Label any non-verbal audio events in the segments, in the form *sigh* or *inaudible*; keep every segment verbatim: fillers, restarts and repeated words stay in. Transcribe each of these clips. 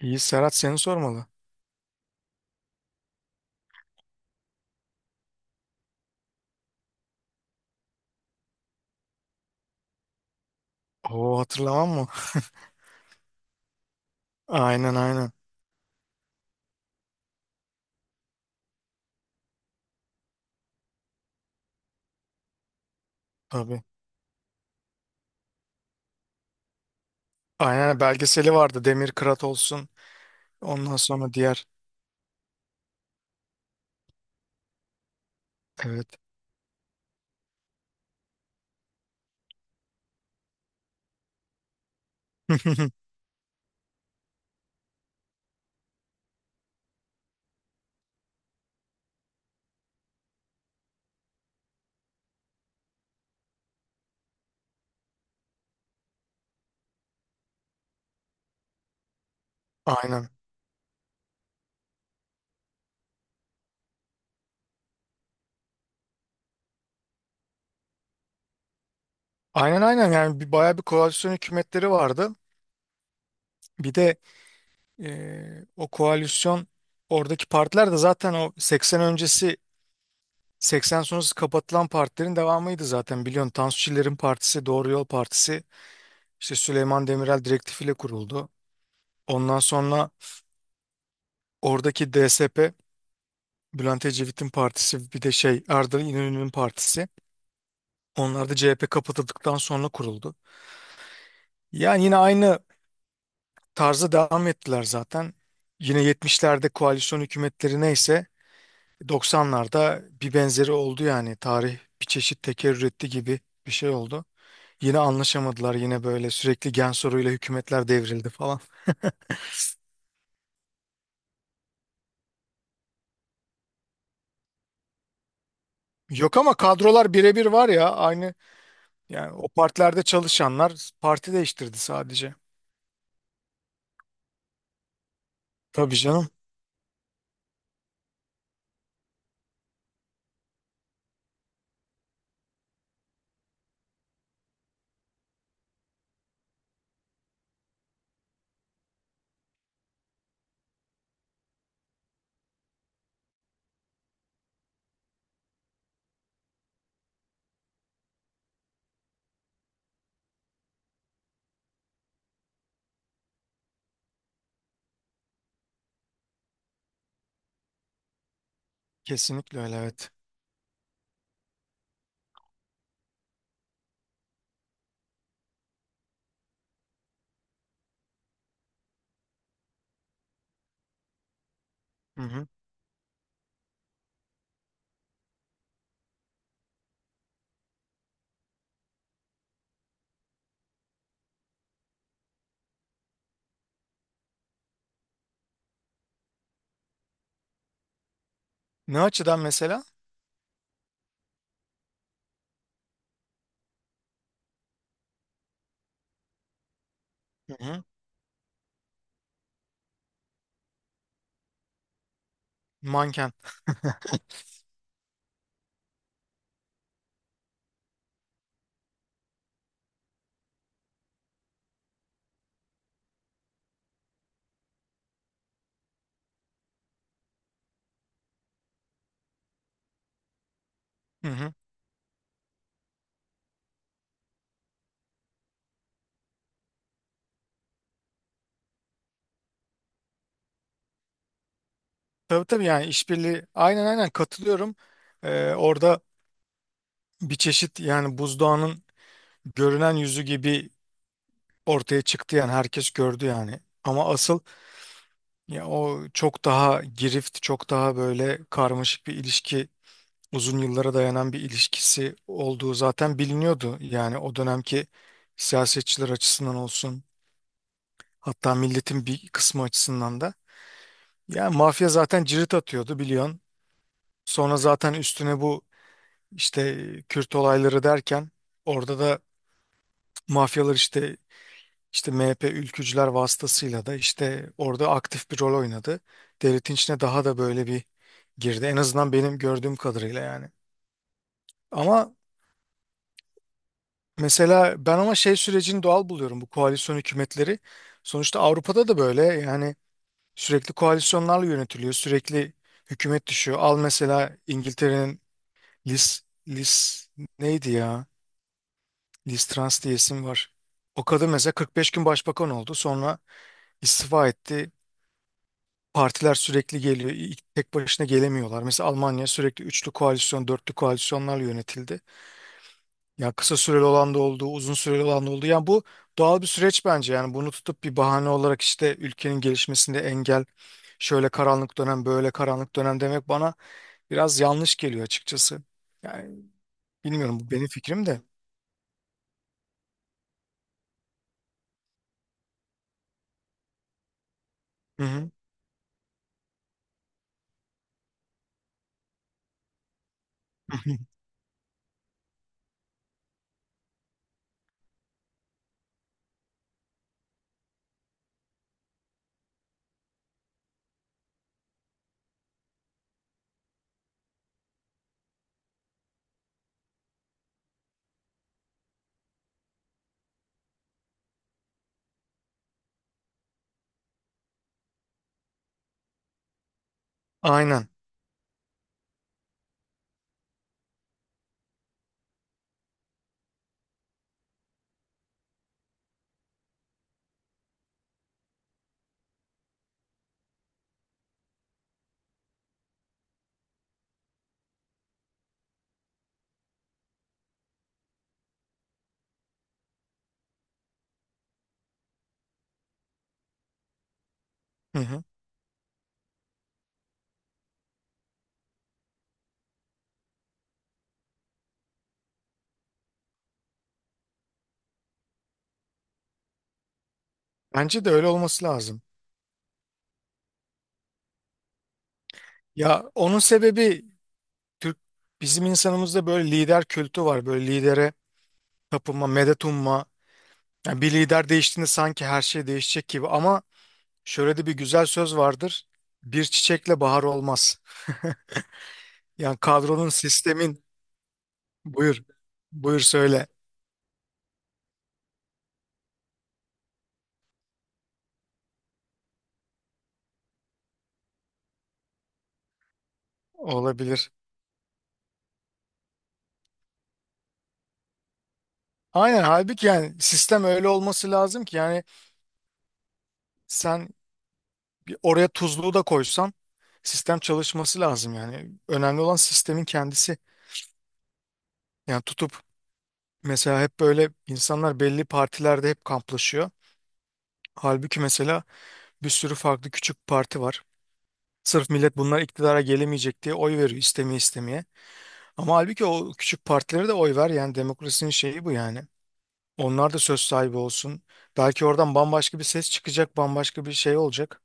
İyi Serhat seni sormalı. Oo hatırlamam mı? *laughs* Aynen aynen. Tabii. Aynen belgeseli vardı. Demir Kırat olsun. Ondan sonra diğer. Evet. *laughs* Aynen. Aynen aynen yani bir, bayağı bir koalisyon hükümetleri vardı. Bir de e, o koalisyon oradaki partiler de zaten o seksen öncesi seksen sonrası kapatılan partilerin devamıydı zaten biliyorsun. Tansu Çiller'in partisi Doğru Yol Partisi işte Süleyman Demirel direktifiyle kuruldu. Ondan sonra oradaki D S P Bülent Ecevit'in partisi bir de şey Arda İnönü'nün partisi. Onlar da C H P kapatıldıktan sonra kuruldu. Yani yine aynı tarza devam ettiler zaten. Yine yetmişlerde koalisyon hükümetleri neyse doksanlarda bir benzeri oldu yani. Tarih bir çeşit tekerrür etti gibi bir şey oldu. Yine anlaşamadılar, yine böyle sürekli gen soruyla hükümetler devrildi falan. Yok ama kadrolar birebir var ya, aynı yani, o partilerde çalışanlar parti değiştirdi sadece. Tabii canım. Kesinlikle öyle, evet. Hı hı. Ne açıdan mesela? Hı hı. Manken. *laughs* Hı hı. Tabii tabii yani işbirliği, aynen aynen katılıyorum. Ee, orada bir çeşit yani buzdağının görünen yüzü gibi ortaya çıktı yani, herkes gördü yani. Ama asıl ya o çok daha girift, çok daha böyle karmaşık bir ilişki, uzun yıllara dayanan bir ilişkisi olduğu zaten biliniyordu. Yani o dönemki siyasetçiler açısından olsun, hatta milletin bir kısmı açısından da. Yani mafya zaten cirit atıyordu biliyorsun. Sonra zaten üstüne bu işte Kürt olayları derken orada da mafyalar işte işte M H P ülkücüler vasıtasıyla da işte orada aktif bir rol oynadı. Devletin içine daha da böyle bir girdi. En azından benim gördüğüm kadarıyla yani. Ama mesela ben ama şey sürecini doğal buluyorum, bu koalisyon hükümetleri. Sonuçta Avrupa'da da böyle yani, sürekli koalisyonlarla yönetiliyor. Sürekli hükümet düşüyor. Al mesela İngiltere'nin Liz, Liz neydi ya? Liz Trans diye isim var. O kadın mesela kırk beş gün başbakan oldu. Sonra istifa etti. Partiler sürekli geliyor. İlk- Tek başına gelemiyorlar. Mesela Almanya sürekli üçlü koalisyon, dörtlü koalisyonlarla yönetildi. Ya kısa süreli olan da oldu, uzun süreli olan da oldu. Yani bu doğal bir süreç bence. Yani bunu tutup bir bahane olarak işte ülkenin gelişmesinde engel, şöyle karanlık dönem, böyle karanlık dönem demek bana biraz yanlış geliyor, açıkçası. Yani bilmiyorum, bu benim fikrim de. Hı hı. *laughs* Aynen. Hı hı. Bence de öyle olması lazım. Ya onun sebebi Türk bizim insanımızda böyle lider kültü var. Böyle lidere tapınma, medet umma. Yani bir lider değiştiğinde sanki her şey değişecek gibi, ama şöyle de bir güzel söz vardır. Bir çiçekle bahar olmaz. *laughs* Yani kadronun, sistemin buyur. Buyur söyle. Olabilir. Aynen, halbuki yani sistem öyle olması lazım ki yani sen oraya tuzluğu da koysan sistem çalışması lazım yani. Önemli olan sistemin kendisi. Yani tutup mesela hep böyle insanlar belli partilerde hep kamplaşıyor. Halbuki mesela bir sürü farklı küçük parti var. Sırf millet bunlar iktidara gelemeyecek diye oy veriyor, istemeye istemeye. Ama halbuki o küçük partilere de oy ver yani, demokrasinin şeyi bu yani. Onlar da söz sahibi olsun. Belki oradan bambaşka bir ses çıkacak, bambaşka bir şey olacak.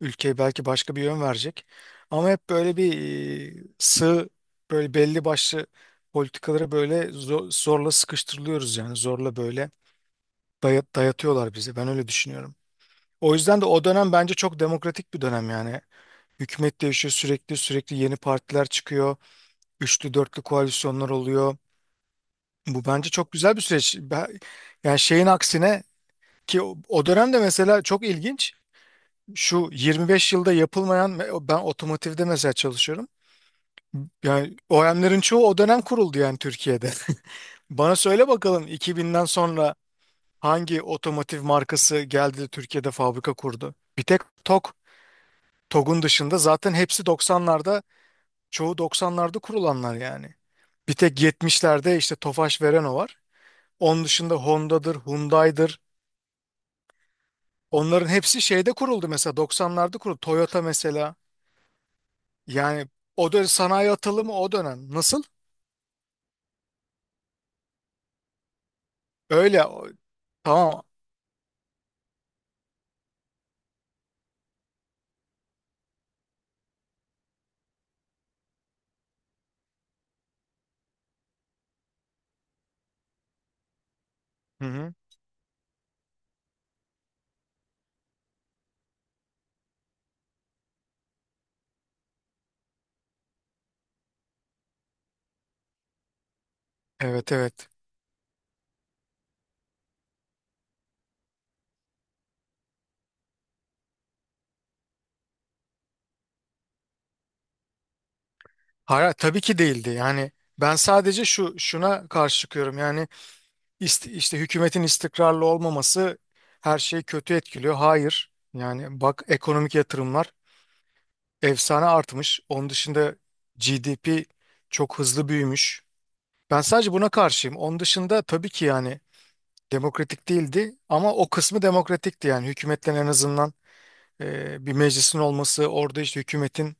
Ülkeye belki başka bir yön verecek. Ama hep böyle bir e, sığ, böyle belli başlı politikalara böyle zo- zorla sıkıştırılıyoruz yani, zorla böyle daya- dayatıyorlar bizi. Ben öyle düşünüyorum. O yüzden de o dönem bence çok demokratik bir dönem yani. Hükümet değişiyor sürekli, sürekli yeni partiler çıkıyor. Üçlü dörtlü koalisyonlar oluyor. Bu bence çok güzel bir süreç. Ben- Yani şeyin aksine, ki o o dönemde mesela çok ilginç. Şu yirmi beş yılda yapılmayan, ben otomotivde mesela çalışıyorum. Yani o OEM'lerin çoğu o dönem kuruldu yani Türkiye'de. *laughs* Bana söyle bakalım, iki binden sonra hangi otomotiv markası geldi de Türkiye'de fabrika kurdu? Bir tek TOG. TOG'un dışında zaten hepsi doksanlarda, çoğu doksanlarda kurulanlar yani. Bir tek yetmişlerde işte Tofaş Vereno var. Onun dışında Honda'dır, Hyundai'dir. Onların hepsi şeyde kuruldu, mesela doksanlarda kuruldu. Toyota mesela. Yani o dönem sanayi atılımı, o dönem. Nasıl? Öyle. O- Tamam. Hı hı. Evet evet. Hayır, tabii ki değildi. Yani ben sadece şu şuna karşı çıkıyorum. Yani ist- işte hükümetin istikrarlı olmaması her şeyi kötü etkiliyor. Hayır. Yani bak, ekonomik yatırımlar efsane artmış. Onun dışında G D P çok hızlı büyümüş. Ben sadece buna karşıyım. Onun dışında tabii ki yani demokratik değildi, ama o kısmı demokratikti yani, hükümetten en azından e, bir meclisin olması, orada işte hükümetin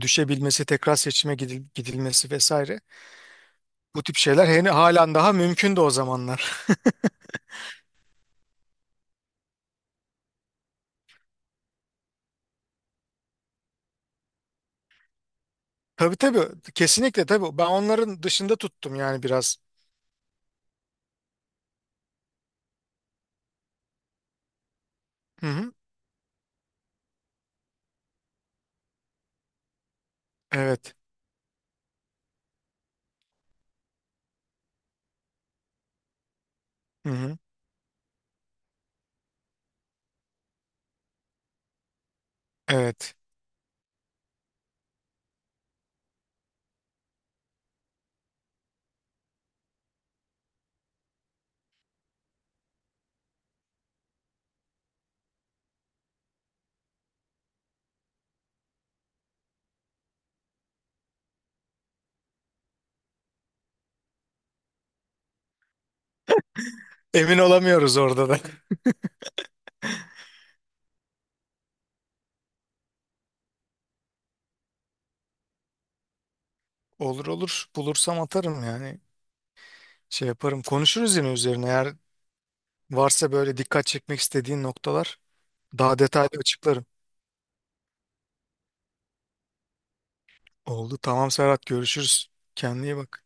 düşebilmesi, tekrar seçime gidil- gidilmesi vesaire. Bu tip şeyler hani halen daha mümkündü o zamanlar. *laughs* Tabii tabii, kesinlikle tabii, ben onların dışında tuttum yani biraz. Hı hı. Evet. Hı hı. Evet. Emin olamıyoruz orada da. *laughs* Olur olur, bulursam atarım yani, şey yaparım, konuşuruz yine üzerine eğer varsa böyle dikkat çekmek istediğin noktalar, daha detaylı açıklarım. Oldu, tamam Serhat, görüşürüz. Kendine iyi bak.